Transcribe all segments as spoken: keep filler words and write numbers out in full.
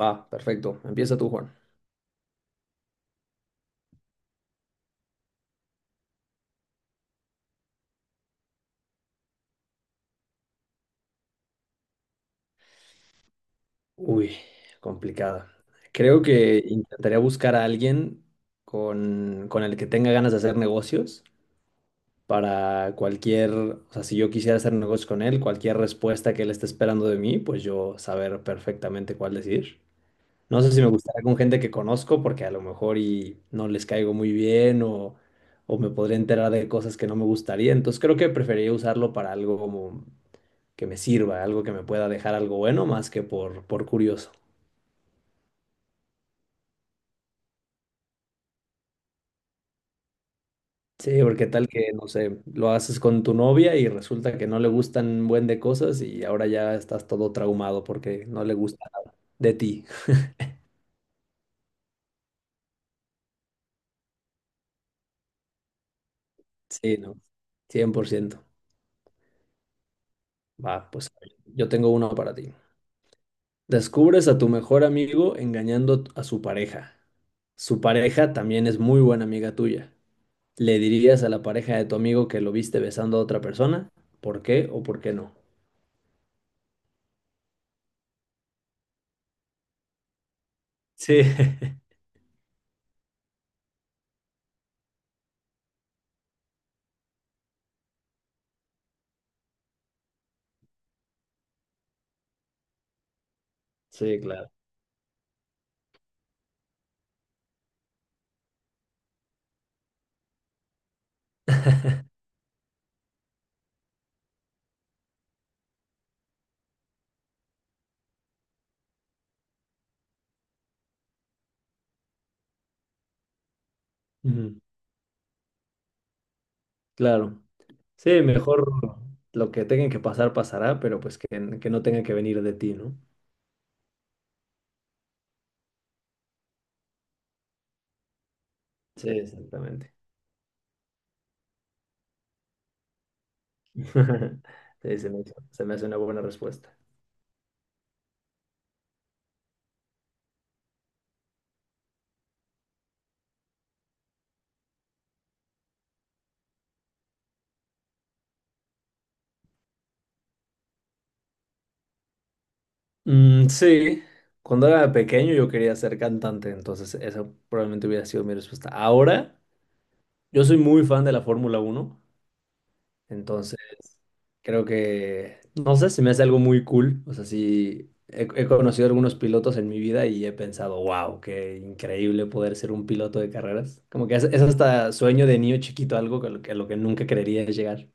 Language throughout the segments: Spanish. Va, perfecto. Empieza tú, Juan. Uy, complicada. Creo que intentaría buscar a alguien con, con el que tenga ganas de hacer negocios para cualquier, o sea, si yo quisiera hacer negocios con él, cualquier respuesta que él esté esperando de mí, pues yo saber perfectamente cuál decir. No sé si me gustaría con gente que conozco, porque a lo mejor y no les caigo muy bien o, o me podría enterar de cosas que no me gustaría. Entonces creo que preferiría usarlo para algo como que me sirva, algo que me pueda dejar algo bueno más que por, por curioso. Sí, porque tal que, no sé, lo haces con tu novia y resulta que no le gustan buen de cosas y ahora ya estás todo traumado porque no le gusta nada de ti. Sí, no, cien por ciento. Va, pues yo tengo uno para ti. Descubres a tu mejor amigo engañando a su pareja. Su pareja también es muy buena amiga tuya. ¿Le dirías a la pareja de tu amigo que lo viste besando a otra persona? ¿Por qué o por qué no? Sí. Sí, claro. Ujú, claro. Sí, mejor lo que tengan que pasar, pasará, pero pues que, que no tenga que venir de ti, ¿no? Sí, exactamente. Sí, se me hizo- se me hace una buena respuesta. Mm, sí, cuando era pequeño yo quería ser cantante, entonces esa probablemente hubiera sido mi respuesta. Ahora, yo soy muy fan de la Fórmula Uno. Entonces, creo que, no sé, se me hace algo muy cool. O sea, sí, he, he conocido algunos pilotos en mi vida y he pensado, wow, qué increíble poder ser un piloto de carreras. Como que es, es hasta sueño de niño chiquito, algo que, a lo que a lo que nunca creería llegar.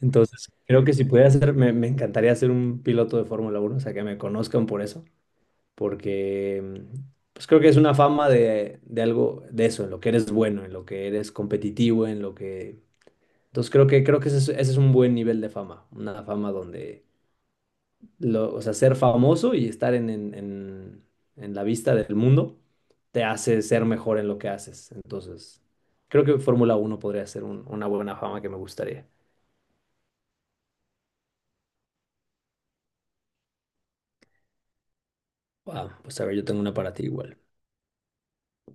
Entonces, creo que si pudiera ser, me, me encantaría ser un piloto de Fórmula uno, o sea, que me conozcan por eso, porque mm, pues creo que es una fama de, de algo de eso, en lo que eres bueno, en lo que eres competitivo, en lo que entonces creo que, creo que ese es, ese es un buen nivel de fama, una fama donde, lo, o sea, ser famoso y estar en, en, en- en la vista del mundo te hace ser mejor en lo que haces. Entonces, creo que Fórmula uno podría ser un- una buena fama que me gustaría. Ah, pues a ver, yo tengo una para ti igual.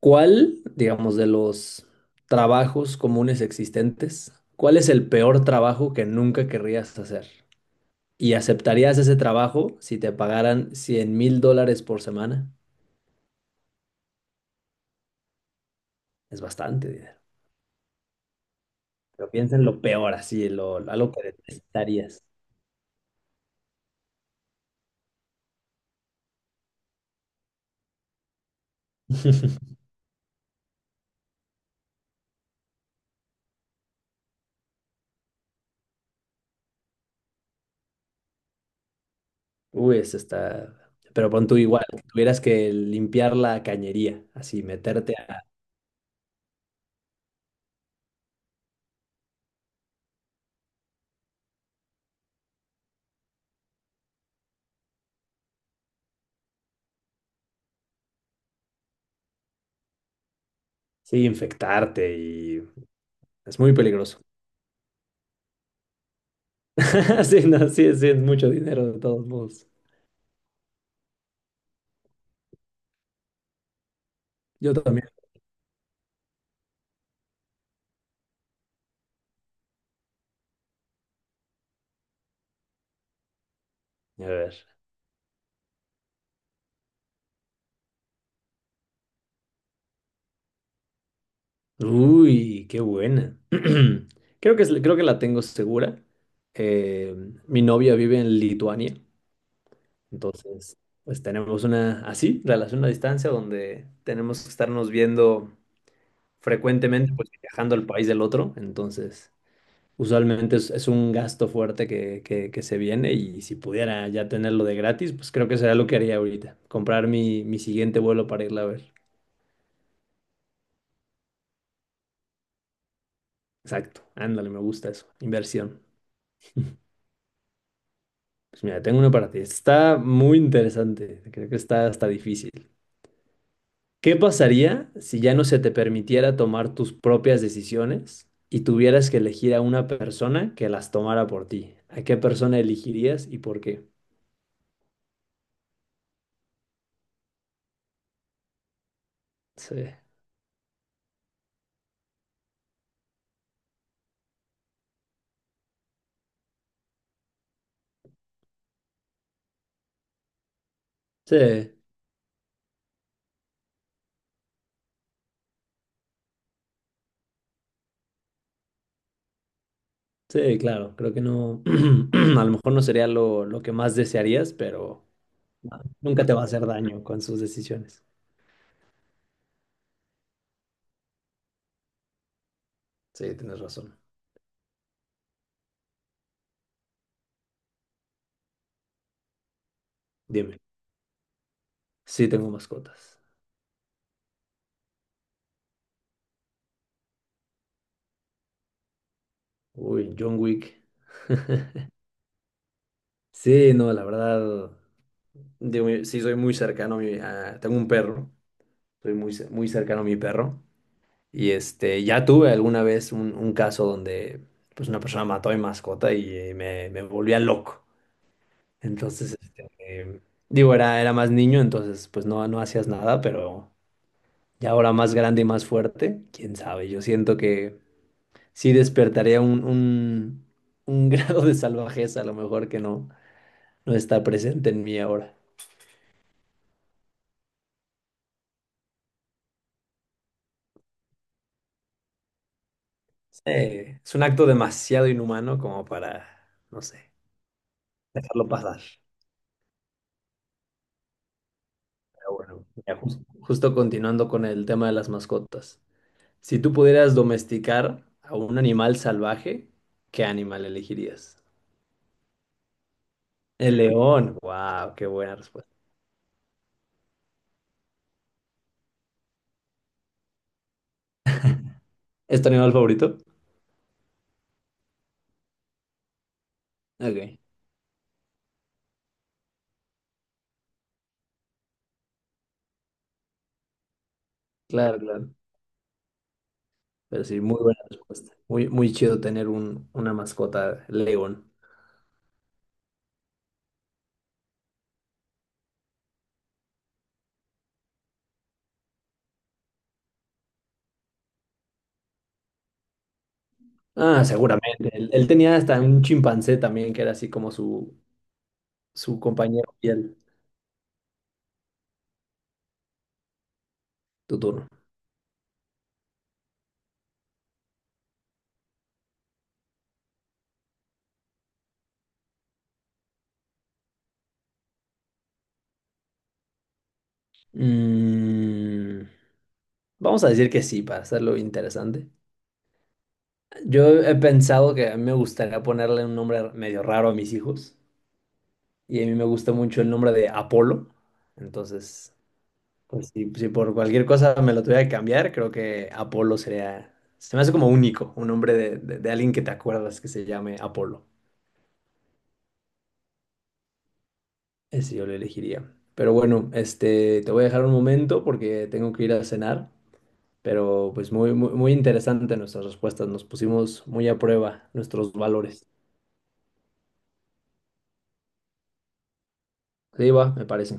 ¿Cuál, digamos, de los trabajos comunes existentes, cuál es el peor trabajo que nunca querrías hacer? ¿Y aceptarías ese trabajo si te pagaran cien mil dólares por semana? Es bastante dinero. Pero piensa en lo peor, así, lo, algo que detestarías. Uy, eso está. Pero pon tú igual, que tuvieras que limpiar la cañería, así, meterte a. Sí, infectarte y. Es muy peligroso. Sí, no, sí, sí, es mucho dinero de todos modos. Yo también. A ver. Uy, qué buena. Creo que, es- creo que la tengo segura. Eh, mi novia vive en Lituania. Entonces, pues tenemos una así, relación a distancia, donde tenemos que estarnos viendo frecuentemente, pues viajando al país del otro. Entonces, usualmente es, es un gasto fuerte que, que, que se viene y si pudiera ya tenerlo de gratis, pues creo que sería lo que haría ahorita, comprar mi, mi siguiente vuelo para irla a ver. Exacto, ándale, me gusta eso, inversión. Pues mira, tengo una para ti. Está muy interesante, creo que está hasta difícil. ¿Qué pasaría si ya no se te permitiera tomar tus propias decisiones y tuvieras que elegir a una persona que las tomara por ti? ¿A qué persona elegirías y por qué? Sí, sí, sí, claro. Creo que no, a lo mejor no sería lo, lo que más desearías, pero ah, nunca te va a hacer daño con sus decisiones. Sí, tienes razón. Dime. Sí, tengo mascotas. Uy, John Wick. Sí, no, la verdad, digo, sí soy muy cercano a mi, a- tengo un perro. Soy muy, ce- muy cercano a mi perro. Y este, ya tuve alguna vez un, un caso donde pues una persona mató a mi mascota y eh, me, me volvía loco. Entonces, este, eh, digo, era, era más niño, entonces pues no, no hacías nada, pero ya ahora más grande y más fuerte, quién sabe, yo siento que sí despertaría un, un, un grado de salvajeza a lo mejor que no, no está presente en mí ahora. Sí, es un acto demasiado inhumano como para, no sé, dejarlo pasar. Pero bueno, ya jus- justo continuando con el tema de las mascotas. Si tú pudieras domesticar a un animal salvaje, ¿qué animal elegirías? El león. Wow, qué buena respuesta. ¿Es tu animal favorito? Ok, claro, claro. Pero sí, muy buena respuesta. Muy, muy chido tener un, una mascota león. Ah, seguramente. Él, él tenía hasta un chimpancé también, que era así como su, su compañero fiel. Tu turno. Mm, vamos a decir que sí, para hacerlo interesante. Yo he pensado que a mí me gustaría ponerle un nombre medio raro a mis hijos y a mí me gusta mucho el nombre de Apolo. Entonces, pues si, si por cualquier cosa me lo tuviera que cambiar, creo que Apolo sería, se me hace como único, un nombre de, de- de alguien que te acuerdas que se llame Apolo. Ese yo lo elegiría. Pero bueno, este, te voy a dejar un momento porque tengo que ir a cenar, pero pues muy, muy, muy interesante nuestras respuestas, nos pusimos muy a prueba nuestros valores. Sí, va, me parece.